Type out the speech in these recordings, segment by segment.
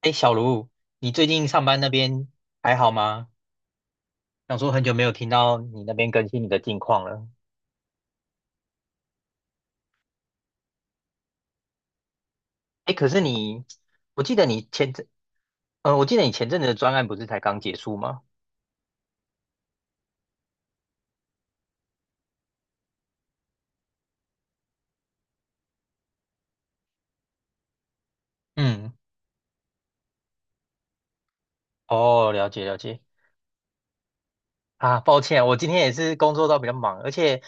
哎，小卢，你最近上班那边还好吗？想说很久没有听到你那边更新你的近况了。哎，可是你，我记得你前阵，我记得你前阵子的专案不是才刚结束吗？嗯，哦，了解了解。啊，抱歉，我今天也是工作到比较忙，而且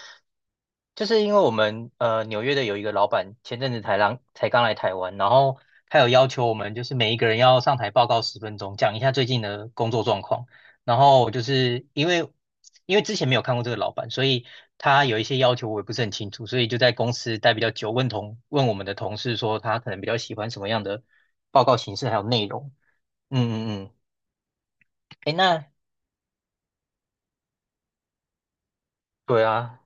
就是因为我们纽约的有一个老板前阵子才刚来台湾，然后他有要求我们就是每一个人要上台报告10分钟，讲一下最近的工作状况。然后就是因为之前没有看过这个老板，所以他有一些要求我也不是很清楚，所以就在公司待比较久，问我们的同事说他可能比较喜欢什么样的报告形式还有内容。嗯嗯嗯，诶，那对啊，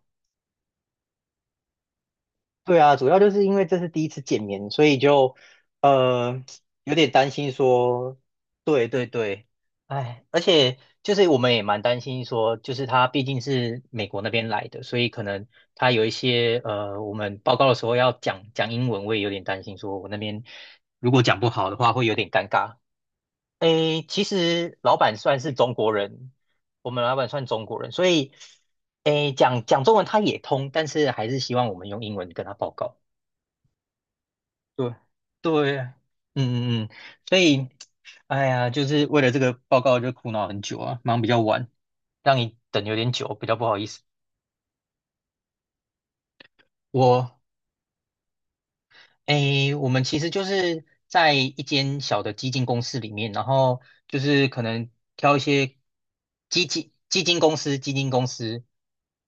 对啊，主要就是因为这是第一次见面，所以就呃有点担心说，对对对，哎，而且就是我们也蛮担心说，就是他毕竟是美国那边来的，所以可能他有一些我们报告的时候要讲讲英文，我也有点担心说我那边如果讲不好的话会有点尴尬。诶，其实老板算是中国人，我们老板算中国人，所以诶讲讲中文他也通，但是还是希望我们用英文跟他报告。对对，嗯嗯嗯，所以，哎呀，就是为了这个报告就苦恼很久啊，忙比较晚，让你等有点久，比较不好意思。我我们其实就是在一间小的基金公司里面，然后就是可能挑一些基金公司。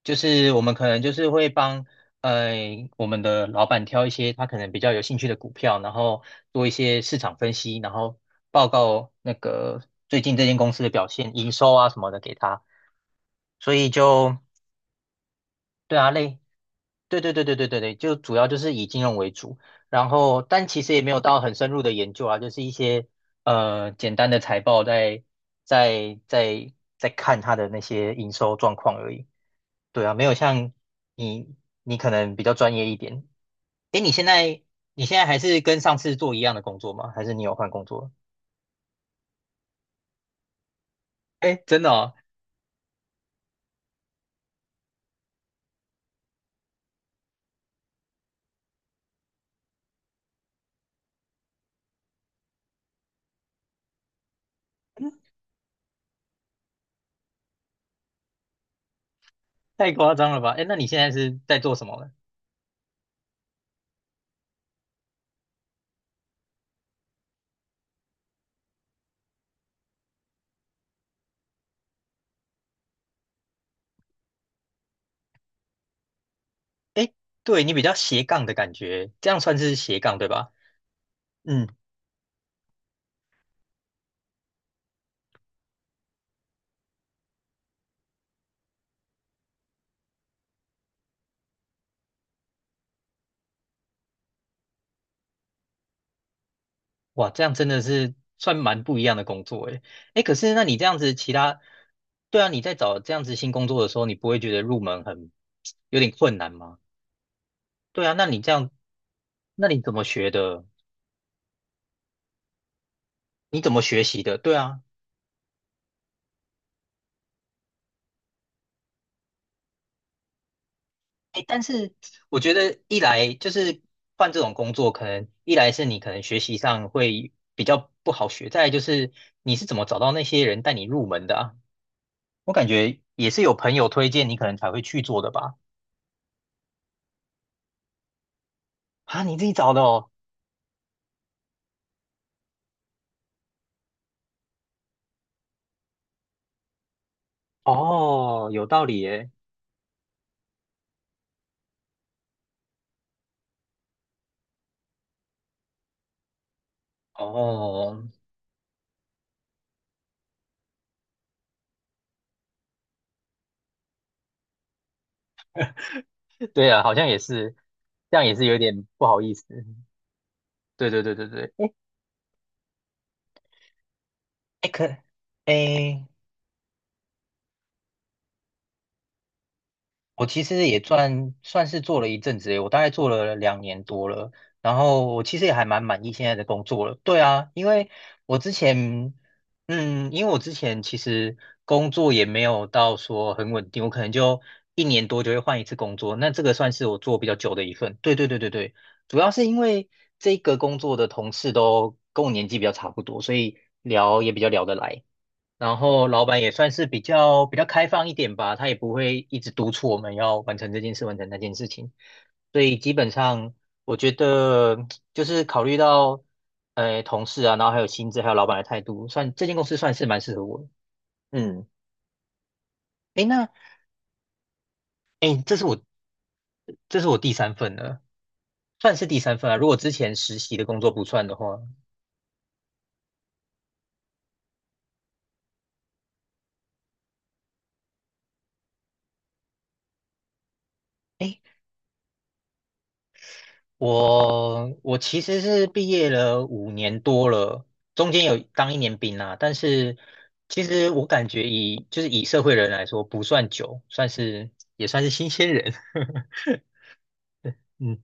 就是我们可能就是会帮呃我们的老板挑一些他可能比较有兴趣的股票，然后做一些市场分析，然后报告那个最近这间公司的表现、营收啊什么的给他，所以就。对啊，对对对对对对对，就主要就是以金融为主，然后但其实也没有到很深入的研究啊，就是一些简单的财报在在在看它的那些营收状况而已。对啊，没有像你你可能比较专业一点。诶，你现在还是跟上次做一样的工作吗？还是你有换工作了？诶，真的哦，嗯，太夸张了吧？诶，那你现在是在做什么呢？诶，对，你比较斜杠的感觉，这样算是斜杠对吧？嗯，哇，这样真的是算蛮不一样的工作诶。诶，可是那你这样子，其他，对啊，你在找这样子新工作的时候，你不会觉得入门很有点困难吗？对啊，那你怎么学的？你怎么学习的？对啊，诶，但是我觉得一来就是换这种工作，可能一来是你可能学习上会比较不好学，再来就是你是怎么找到那些人带你入门的啊？我感觉也是有朋友推荐你，可能才会去做的吧。啊，你自己找的哦。哦，有道理耶。哦，对啊，好像也是，这样也是有点不好意思。对对对对对。哎哎，哎，我其实也算是做了一阵子诶，我大概做了2年多了，然后我其实也还蛮满意现在的工作了。对啊，我之前，因为我之前其实工作也没有到说很稳定，我可能就一年多就会换一次工作，那这个算是我做比较久的一份。对对对对对，主要是因为这个工作的同事都跟我年纪比较差不多，所以聊也比较聊得来。然后老板也算是比较开放一点吧，他也不会一直督促我们要完成这件事，完成那件事情。所以基本上，我觉得就是考虑到同事啊，然后还有薪资，还有老板的态度，算这间公司算是蛮适合我的嗯，诶，那诶，这是我这是我第三份了，算是第三份啊。如果之前实习的工作不算的话，我其实是毕业了5年多了，中间有当一年兵啊，但是其实我感觉以就是以社会人来说不算久，也算是新鲜人。嗯，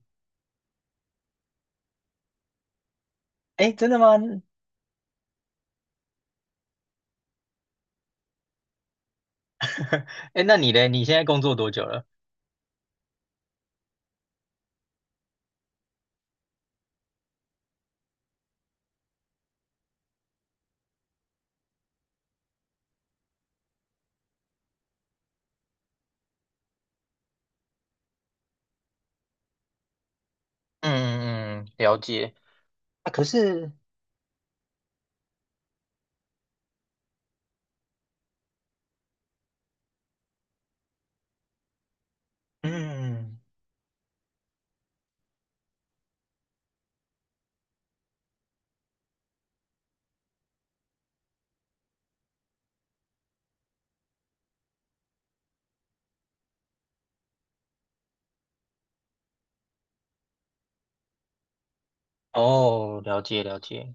哎，真的吗？哎，那你嘞？你现在工作多久了？嗯嗯，了解。啊，可是嗯，哦，了解了解。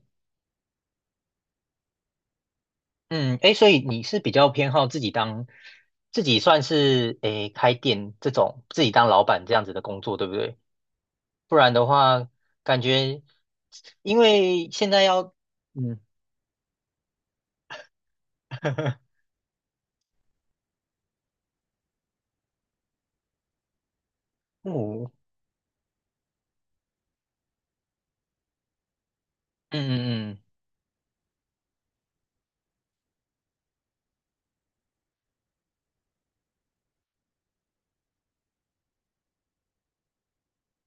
嗯，哎，所以你是比较偏好自己算是开店这种，自己当老板这样子的工作，对不对？不然的话，感觉因为现在要，嗯 嗯嗯嗯，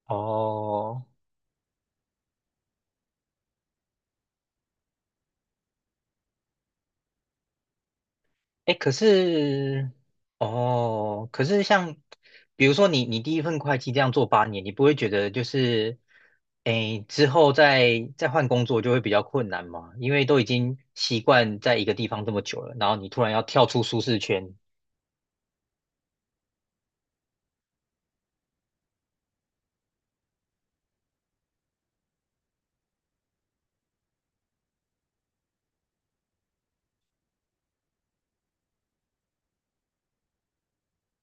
哦。哎，可是，哦，可是像，比如说你第一份会计这样做8年，你不会觉得就是，哎，之后再换工作就会比较困难吗？因为都已经习惯在一个地方这么久了，然后你突然要跳出舒适圈，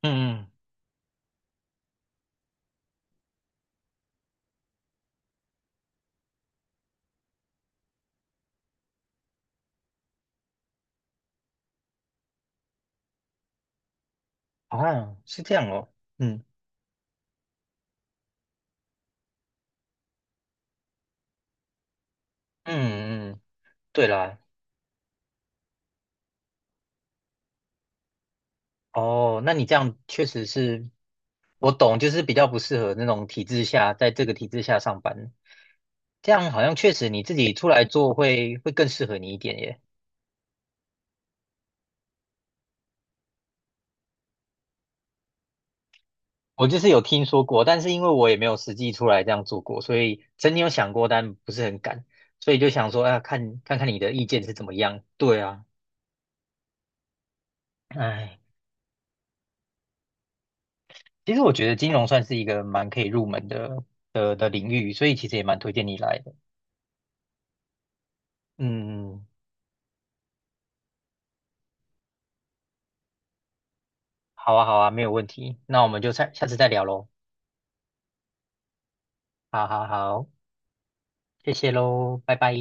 嗯嗯，啊，是这样哦，嗯嗯嗯，对啦。哦，那你这样确实是，我懂，就是比较不适合那种体制下，在这个体制下上班，这样好像确实你自己出来做会更适合你一点耶。我就是有听说过，但是因为我也没有实际出来这样做过，所以曾经有想过，但不是很敢，所以就想说，啊，看看你的意见是怎么样。对啊，哎，其实我觉得金融算是一个蛮可以入门的领域，所以其实也蛮推荐你来的。嗯。好啊，好啊，没有问题。那我们就下次再聊喽。好好好，谢谢喽，拜拜。